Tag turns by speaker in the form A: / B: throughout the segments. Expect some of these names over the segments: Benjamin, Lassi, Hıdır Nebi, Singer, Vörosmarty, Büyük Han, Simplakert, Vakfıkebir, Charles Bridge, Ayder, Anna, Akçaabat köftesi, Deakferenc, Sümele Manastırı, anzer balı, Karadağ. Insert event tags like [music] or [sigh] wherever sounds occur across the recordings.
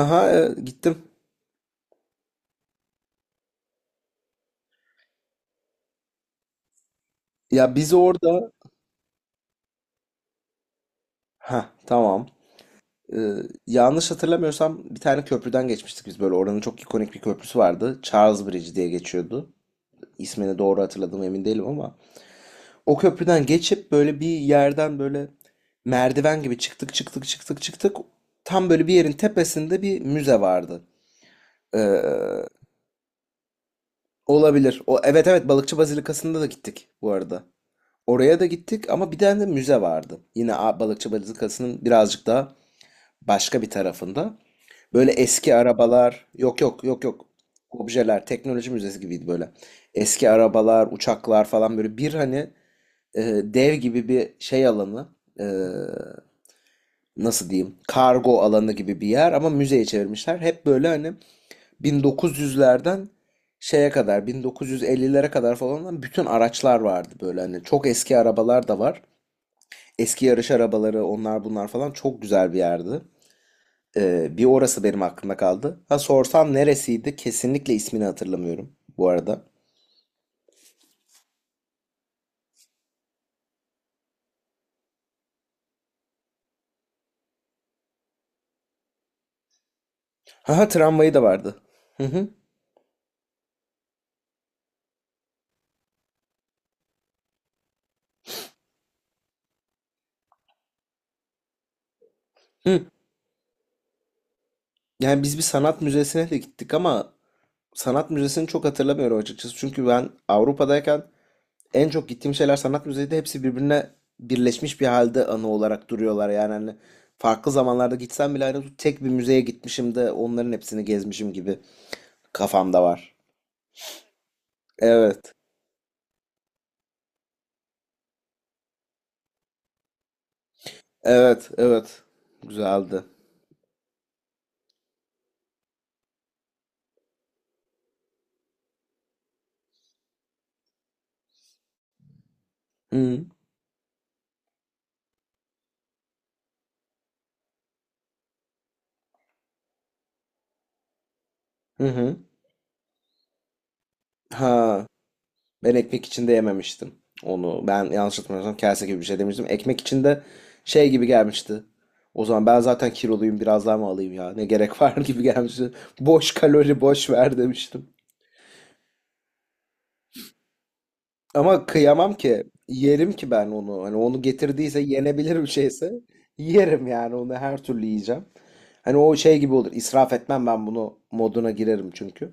A: Aha, gittim. Ya biz orada, ha, tamam. Ee, Yanlış hatırlamıyorsam bir tane köprüden geçmiştik biz böyle. Oranın çok ikonik bir köprüsü vardı. Charles Bridge diye geçiyordu. İsmini doğru hatırladım emin değilim ama o köprüden geçip böyle bir yerden böyle merdiven gibi çıktık çıktık çıktık çıktık. Tam böyle bir yerin tepesinde bir müze vardı. Ee, Olabilir. O, evet, evet, Balıkçı Bazilikası'nda da gittik bu arada. Oraya da gittik ama bir tane de müze vardı. Yine Balıkçı Bazilikası'nın birazcık daha başka bir tarafında. Böyle eski arabalar, yok, yok, yok, yok. Objeler, teknoloji müzesi gibiydi böyle. Eski arabalar, uçaklar falan, böyle bir hani, dev gibi bir şey alanı, e, nasıl diyeyim, kargo alanı gibi bir yer ama müzeye çevirmişler. Hep böyle hani 1900'lerden şeye kadar 1950'lere kadar falan olan bütün araçlar vardı, böyle hani çok eski arabalar da var. Eski yarış arabaları, onlar bunlar falan, çok güzel bir yerdi. Bir orası benim aklımda kaldı. Ha, sorsam neresiydi? Kesinlikle ismini hatırlamıyorum bu arada. Ha, ha, tramvayı da vardı. Hı hı. Hı. Yani biz bir sanat müzesine de gittik ama sanat müzesini çok hatırlamıyorum açıkçası. Çünkü ben Avrupa'dayken en çok gittiğim şeyler sanat müzeydi. Hepsi birbirine birleşmiş bir halde anı olarak duruyorlar. Yani hani farklı zamanlarda gitsem bile aynı tek bir müzeye gitmişim de onların hepsini gezmişim gibi kafamda var. Evet. Evet, evet. Güzeldi. Hı hı. Hı hı. Ha, ben ekmek içinde yememiştim onu. Ben yanlış hatırlamıyorsam kase gibi bir şey demiştim. Ekmek içinde şey gibi gelmişti. O zaman ben zaten kiloluyum, biraz daha mı alayım ya, ne gerek var [laughs] gibi gelmişti. Boş kalori, boş ver demiştim. Ama kıyamam ki, yerim ki ben onu. Hani onu getirdiyse, yenebilir bir şeyse yerim yani, onu her türlü yiyeceğim. Hani o şey gibi olur, israf etmem ben, bunu moduna girerim çünkü.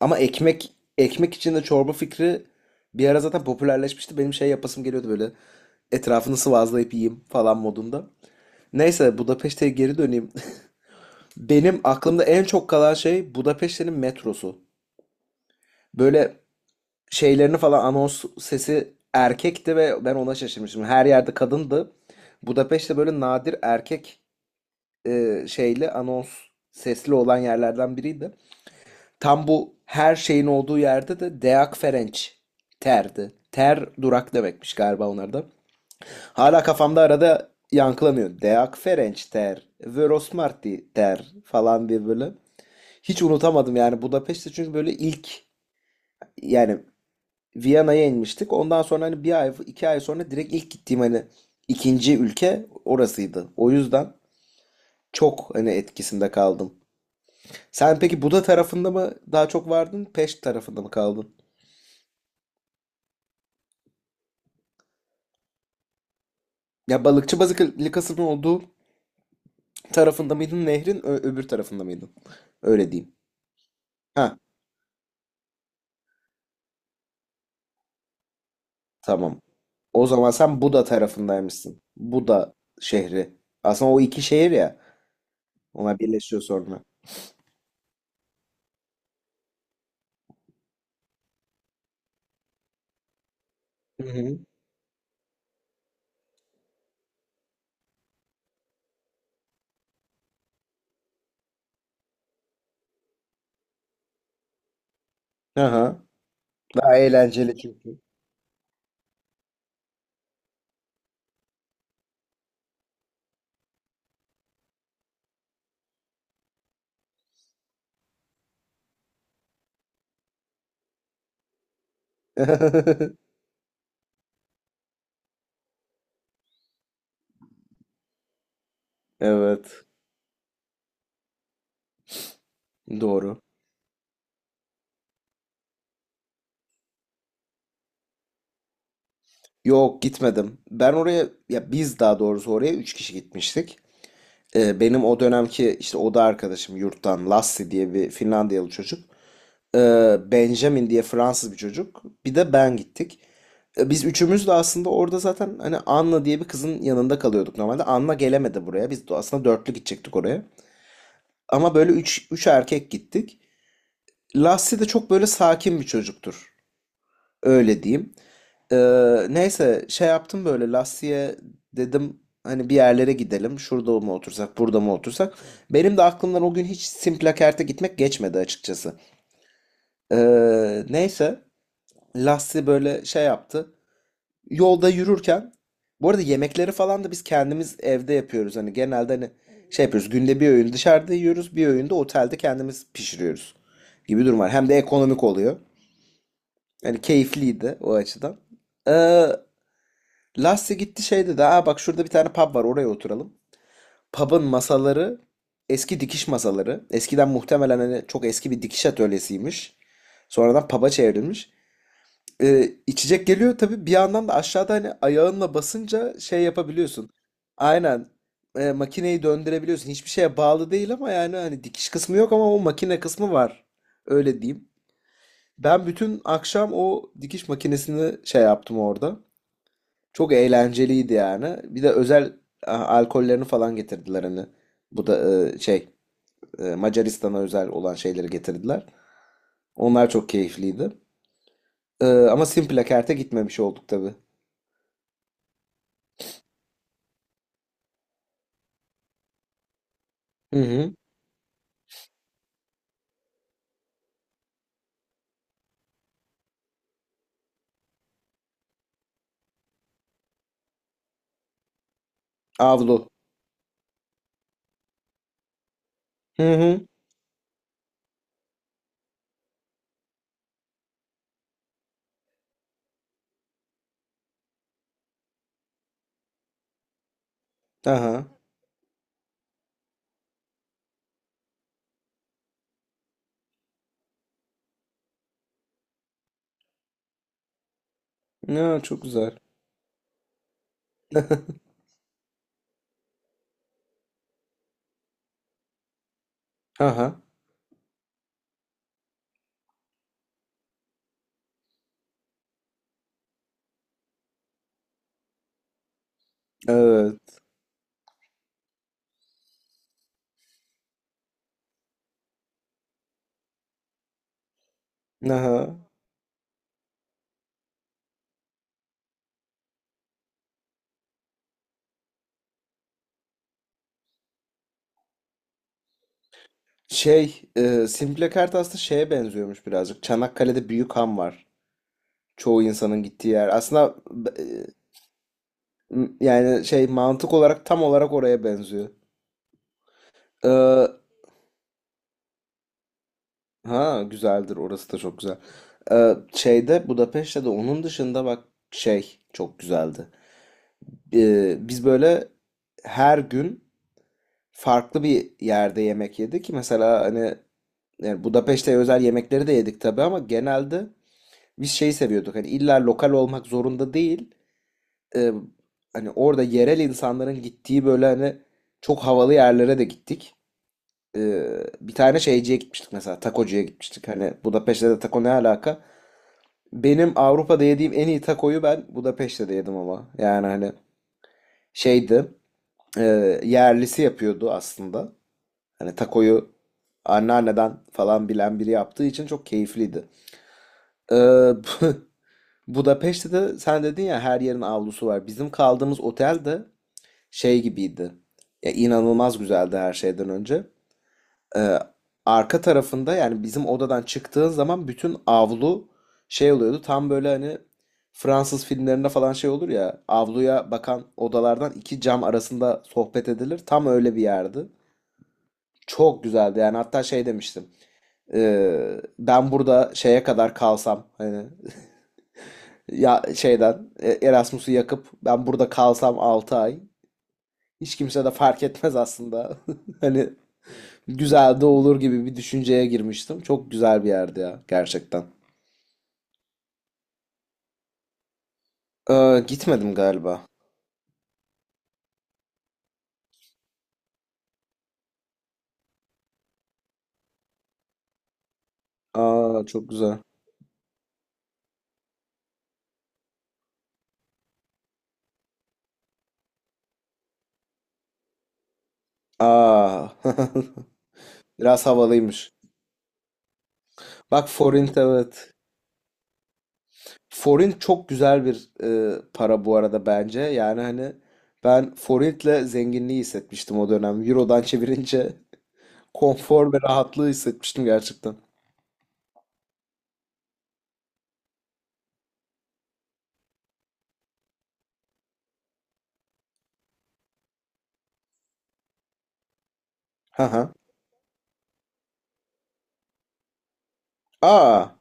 A: Ama ekmek içinde çorba fikri bir ara zaten popülerleşmişti. Benim şey yapasım geliyordu böyle. Etrafını sıvazlayıp yiyeyim falan modunda. Neyse, Budapeşte'ye geri döneyim. [laughs] Benim aklımda en çok kalan şey Budapeşte'nin metrosu. Böyle şeylerini falan, anons sesi erkekti ve ben ona şaşırmıştım. Her yerde kadındı. Budapeşte böyle nadir erkek, şeyli anons sesli olan yerlerden biriydi. Tam bu her şeyin olduğu yerde de Deakferenc terdi. Ter, durak demekmiş galiba onlarda. Hala kafamda arada yankılanıyor. Deakferenc ter, Vörosmarty ter falan diye böyle. Hiç unutamadım yani Budapeşte çünkü böyle ilk, yani Viyana'ya inmiştik. Ondan sonra hani bir ay, iki ay sonra direkt ilk gittiğim hani ikinci ülke orasıydı. O yüzden çok hani etkisinde kaldım. Sen peki Buda tarafında mı daha çok vardın, Peşt tarafında mı kaldın? Ya, balıkçı balık likasının olduğu tarafında mıydın, nehrin öbür tarafında mıydın? Öyle diyeyim. Ha, tamam. O zaman sen Buda tarafındaymışsın. Buda şehri. Aslında o, iki şehir ya. Ona birleşiyor sonra. Hı hı. Aha. Daha eğlenceli çünkü. [laughs] Evet. Doğru. Yok, gitmedim. Ben oraya, ya biz daha doğrusu, oraya 3 kişi gitmiştik. Benim o dönemki işte oda arkadaşım yurttan Lassi diye bir Finlandiyalı çocuk. Benjamin diye Fransız bir çocuk. Bir de ben, gittik. Biz üçümüz de aslında orada zaten hani Anna diye bir kızın yanında kalıyorduk normalde. Anna gelemedi buraya. Biz de aslında dörtlü gidecektik oraya. Ama böyle üç erkek gittik. Lassie de çok böyle sakin bir çocuktur. Öyle diyeyim. E, Neyse, şey yaptım böyle Lassie'ye, dedim hani bir yerlere gidelim. Şurada mı otursak, burada mı otursak. Benim de aklımdan o gün hiç Simplakert'e gitmek geçmedi açıkçası. E, Neyse. Lassi böyle şey yaptı. Yolda yürürken, bu arada yemekleri falan da biz kendimiz evde yapıyoruz. Hani genelde hani şey yapıyoruz. Günde bir öğün dışarıda yiyoruz. Bir öğün de otelde kendimiz pişiriyoruz gibi durum var. Hem de ekonomik oluyor. Hani keyifliydi o açıdan. Ee, Lassi gitti, şey dedi. Aa, bak, şurada bir tane pub var, oraya oturalım. Pub'ın masaları eski dikiş masaları. Eskiden muhtemelen hani çok eski bir dikiş atölyesiymiş. Sonradan pub'a çevrilmiş. İçecek geliyor tabii, bir yandan da aşağıda hani ayağınla basınca şey yapabiliyorsun. Aynen, makineyi döndürebiliyorsun. Hiçbir şeye bağlı değil ama, yani hani dikiş kısmı yok ama o makine kısmı var. Öyle diyeyim. Ben bütün akşam o dikiş makinesini şey yaptım orada. Çok eğlenceliydi yani. Bir de özel alkollerini falan getirdiler hani. Bu da şey, Macaristan'a özel olan şeyleri getirdiler. Onlar çok keyifliydi. Ama Simplakert'e gitmemiş olduk tabii. Hı hı. Avlu. Hı hı. Aha. Ya, çok güzel. Aha. Evet. Aha. Şey, Simple Kart aslında şeye benziyormuş birazcık. Çanakkale'de Büyük Han var. Çoğu insanın gittiği yer. Aslında, e, yani şey mantık olarak tam olarak oraya benziyor. E, ha, güzeldir. Orası da çok güzel. Şeyde Budapeşte de onun dışında, bak, şey çok güzeldi. Biz böyle her gün farklı bir yerde yemek yedik. Mesela hani, yani Budapeşte özel yemekleri de yedik tabii ama genelde biz şeyi seviyorduk. Hani illa lokal olmak zorunda değil. Ee, Hani orada yerel insanların gittiği böyle hani çok havalı yerlere de gittik. Bir tane şeyciye gitmiştik mesela. Takocuya gitmiştik. Hani Budapeşte de taco ne alaka? Benim Avrupa'da yediğim en iyi takoyu ben Budapeşte'de yedim ama. Yani hani şeydi. e, Yerlisi yapıyordu aslında. Hani takoyu anneanneden falan bilen biri yaptığı için çok keyifliydi. Ee, [laughs] Budapeşte de sen dedin ya, her yerin avlusu var. Bizim kaldığımız otel de şey gibiydi. Ya inanılmaz güzeldi her şeyden önce. Ee, Arka tarafında, yani bizim odadan çıktığın zaman bütün avlu şey oluyordu. Tam böyle hani Fransız filmlerinde falan şey olur ya, avluya bakan odalardan iki cam arasında sohbet edilir. Tam öyle bir yerdi. Çok güzeldi yani, hatta şey demiştim. Ben burada şeye kadar kalsam hani, ya şeyden, Erasmus'u yakıp ben burada kalsam 6 ay, hiç kimse de fark etmez aslında. [laughs] Hani güzel de olur gibi bir düşünceye girmiştim. Çok güzel bir yerdi ya gerçekten. Aa, gitmedim galiba. Aa, çok güzel. Aa, [laughs] biraz havalıymış. Bak, forint, evet. Forint çok güzel bir, para bu arada bence. Yani hani ben forintle zenginliği hissetmiştim o dönem. Euro'dan çevirince [laughs] konfor ve rahatlığı hissetmiştim gerçekten. Ha, ha. Aa.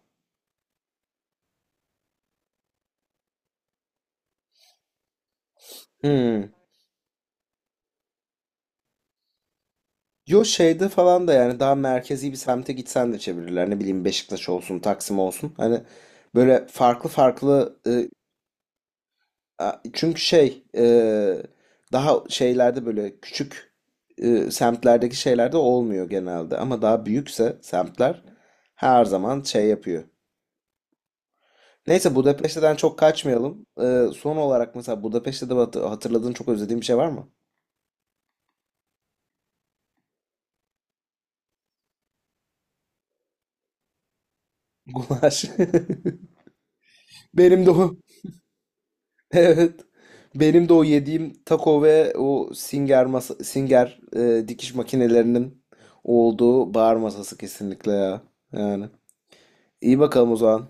A: Hmm. Yo, şeyde falan da, yani daha merkezi bir semte gitsen de çevirirler. Ne bileyim, Beşiktaş olsun, Taksim olsun. Hani böyle farklı farklı, çünkü şey, daha şeylerde böyle küçük, semtlerdeki şeylerde olmuyor genelde ama daha büyükse semtler her zaman şey yapıyor. Neyse, Budapeşte'den çok kaçmayalım. Son olarak mesela, Budapeşte'de hatırladığın çok özlediğin bir şey var mı? [laughs] Gulaş. [laughs] Benim de o. [laughs] Evet. Benim de o yediğim taco ve o Singer Singer dikiş makinelerinin olduğu bar masası kesinlikle ya. Yani. İyi bakalım o zaman.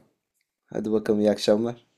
A: Hadi bakalım, iyi akşamlar.